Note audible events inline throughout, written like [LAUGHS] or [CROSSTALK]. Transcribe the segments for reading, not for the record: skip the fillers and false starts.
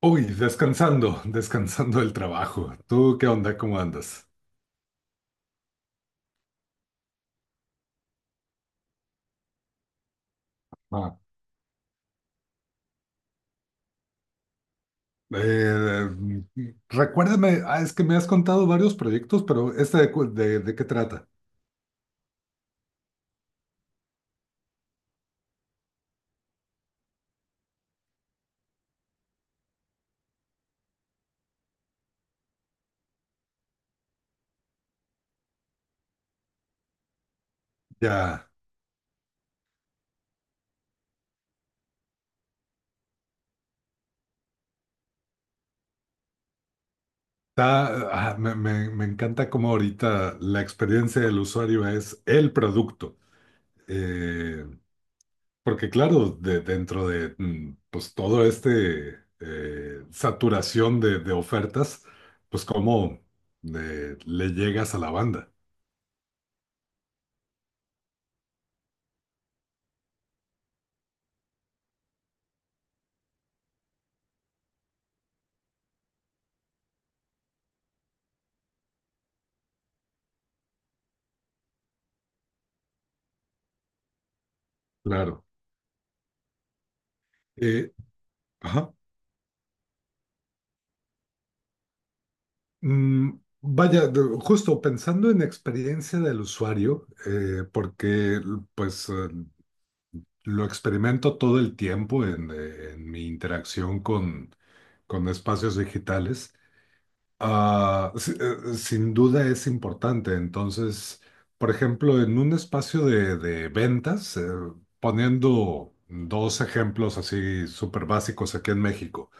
Uy, descansando, [LAUGHS] descansando del trabajo. ¿Tú qué onda? ¿Cómo andas? Ah, Eh, Recuérdame, es que me has contado varios proyectos, pero ¿este de qué trata? Ya, está, me, me encanta cómo ahorita la experiencia del usuario es el producto. Eh, Porque claro, dentro de pues, todo este saturación de ofertas, pues cómo le llegas a la banda. Claro. Eh, ajá. Mm, vaya, justo pensando en experiencia del usuario, porque pues lo experimento todo el tiempo en mi interacción con espacios digitales, sin duda es importante. Entonces, por ejemplo, en un espacio de ventas, poniendo dos ejemplos así súper básicos aquí en México,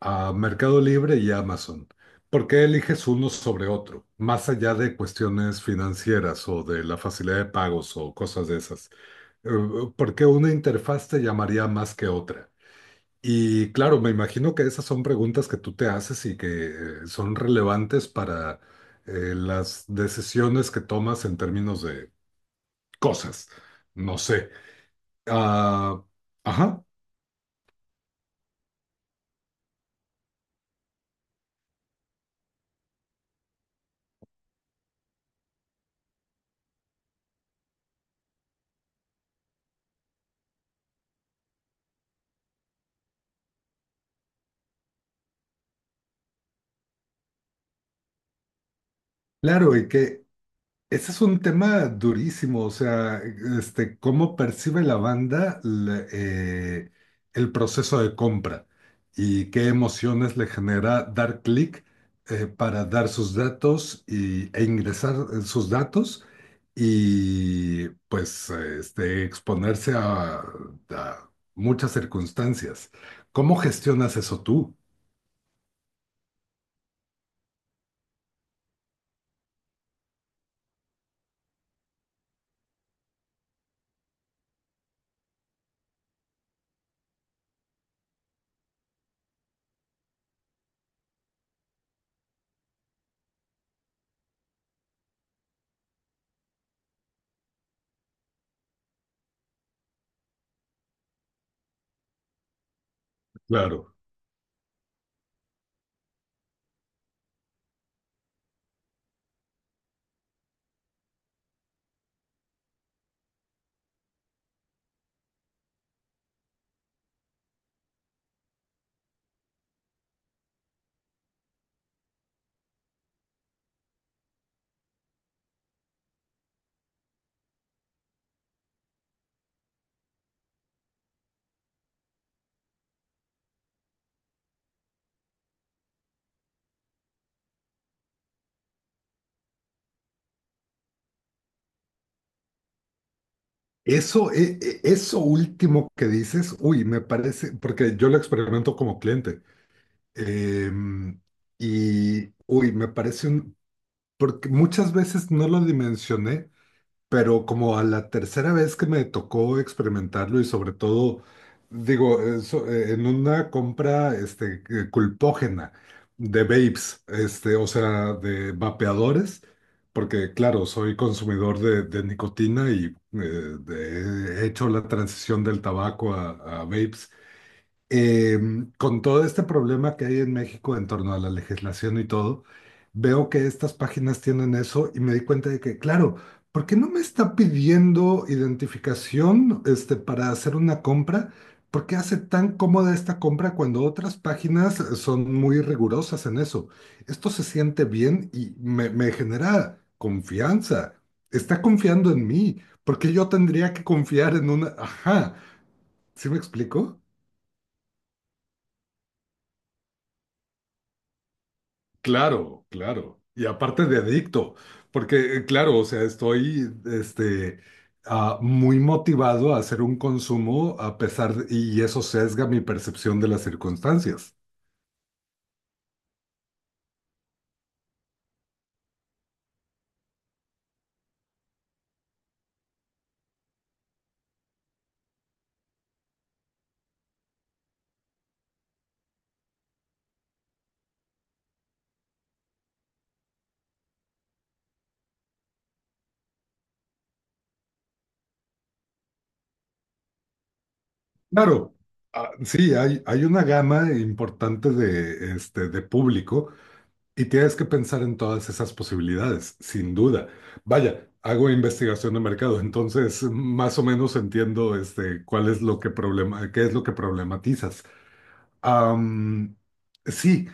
a Mercado Libre y Amazon. ¿Por qué eliges uno sobre otro? Más allá de cuestiones financieras o de la facilidad de pagos o cosas de esas. Eh, Por qué una interfaz te llamaría más que otra? Y claro, me imagino que esas son preguntas que tú te haces y que son relevantes para las decisiones que tomas en términos de cosas. No sé. Ah, ajá. Claro, y que ese es un tema durísimo, o sea, este, cómo percibe la banda el proceso de compra y qué emociones le genera dar clic para dar sus datos e ingresar sus datos y pues este, exponerse a muchas circunstancias. ¿Cómo gestionas eso tú? Claro. Eso, eso último que dices, uy, me parece, porque yo lo experimento como cliente, em, y uy, me parece un, porque muchas veces no lo dimensioné, pero como a la tercera vez que me tocó experimentarlo y sobre todo, digo, eso, en una compra este, culpógena de vapes, este, o sea, de vapeadores, porque claro, soy consumidor de nicotina y eh, he hecho la transición del tabaco a vapes, eh, con todo este problema que hay en México en torno a la legislación y todo. Veo que estas páginas tienen eso y me di cuenta de que, claro, ¿por qué no me está pidiendo identificación, este, para hacer una compra? ¿Por qué hace tan cómoda esta compra cuando otras páginas son muy rigurosas en eso? Esto se siente bien y me genera confianza. Está confiando en mí, porque yo tendría que confiar en una... Ajá, ¿sí me explico? Claro, claro. Y aparte de adicto, porque claro, o sea, estoy este, muy motivado a hacer un consumo a pesar de- y eso sesga mi percepción de las circunstancias. Claro, ah, sí, hay una gama importante de, este, de público y tienes que pensar en todas esas posibilidades, sin duda. Vaya, hago investigación de mercado, entonces más o menos entiendo este, cuál es lo que problema, qué es lo que problematizas. Am, sí,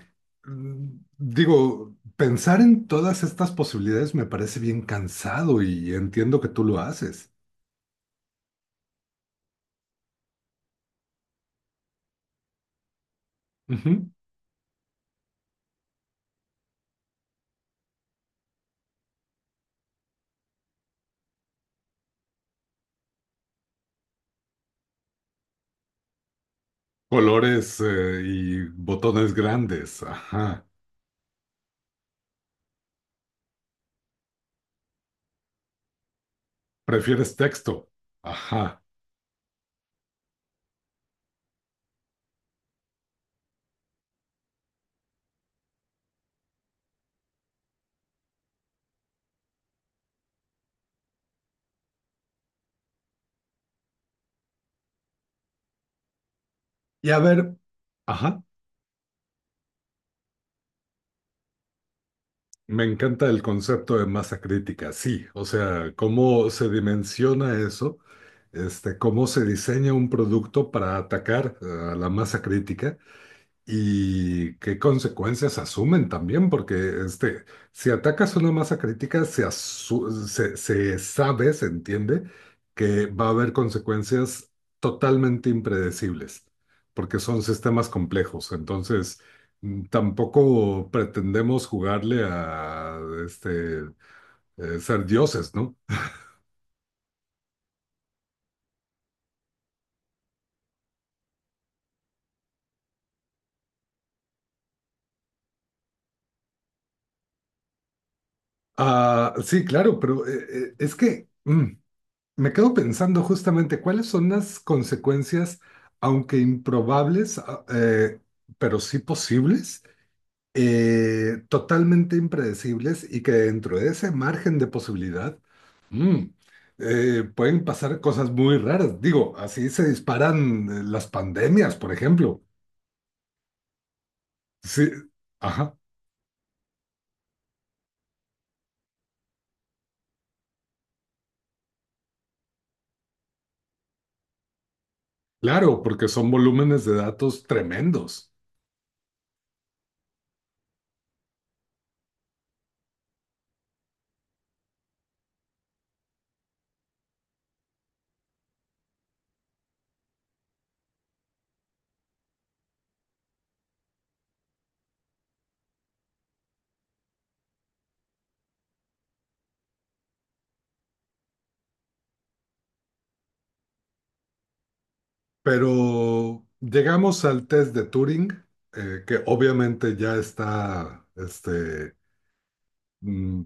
mm, digo, pensar en todas estas posibilidades me parece bien cansado y entiendo que tú lo haces. Ujú. Colores, y botones grandes, ajá. ¿Prefieres texto? Ajá. Y a ver, ajá. Me encanta el concepto de masa crítica, sí. O sea, cómo se dimensiona eso, este, cómo se diseña un producto para atacar, a la masa crítica y qué consecuencias asumen también, porque este, si atacas una masa crítica, se, se, se sabe, se entiende que va a haber consecuencias totalmente impredecibles, porque son sistemas complejos. Entonces, tampoco pretendemos jugarle a este, ser dioses, ¿no? Ah, sí, claro, pero es que... me quedo pensando justamente cuáles son las consecuencias, aunque improbables, pero sí posibles, totalmente impredecibles y que dentro de ese margen de posibilidad, mm, pueden pasar cosas muy raras. Digo, así se disparan las pandemias, por ejemplo. Sí, ajá, claro, porque son volúmenes de datos tremendos. Pero llegamos al test de Turing, que obviamente ya está este, mm,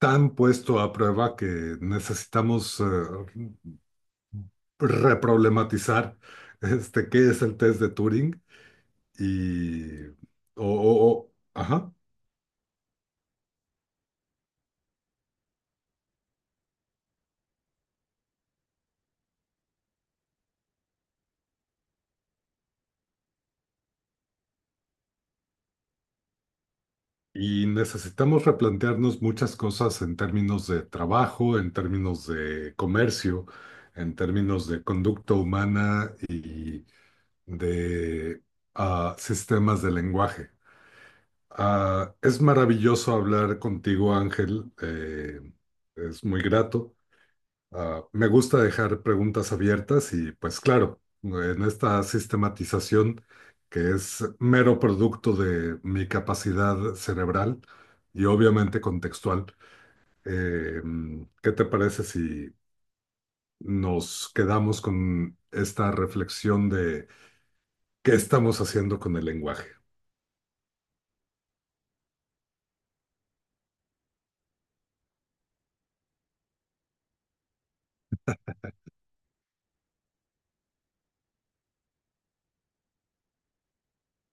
tan puesto a prueba que necesitamos reproblematizar este, qué es el test de Turing y, ajá, y necesitamos replantearnos muchas cosas en términos de trabajo, en términos de comercio, en términos de conducta humana de sistemas de lenguaje. Ah, es maravilloso hablar contigo, Ángel. Es muy grato. Ah, me gusta dejar preguntas abiertas y pues claro, en esta sistematización que es mero producto de mi capacidad cerebral y obviamente contextual, eh, ¿qué te parece si nos quedamos con esta reflexión de qué estamos haciendo con el lenguaje?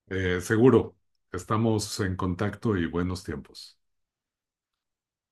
Seguro, estamos en contacto y buenos tiempos.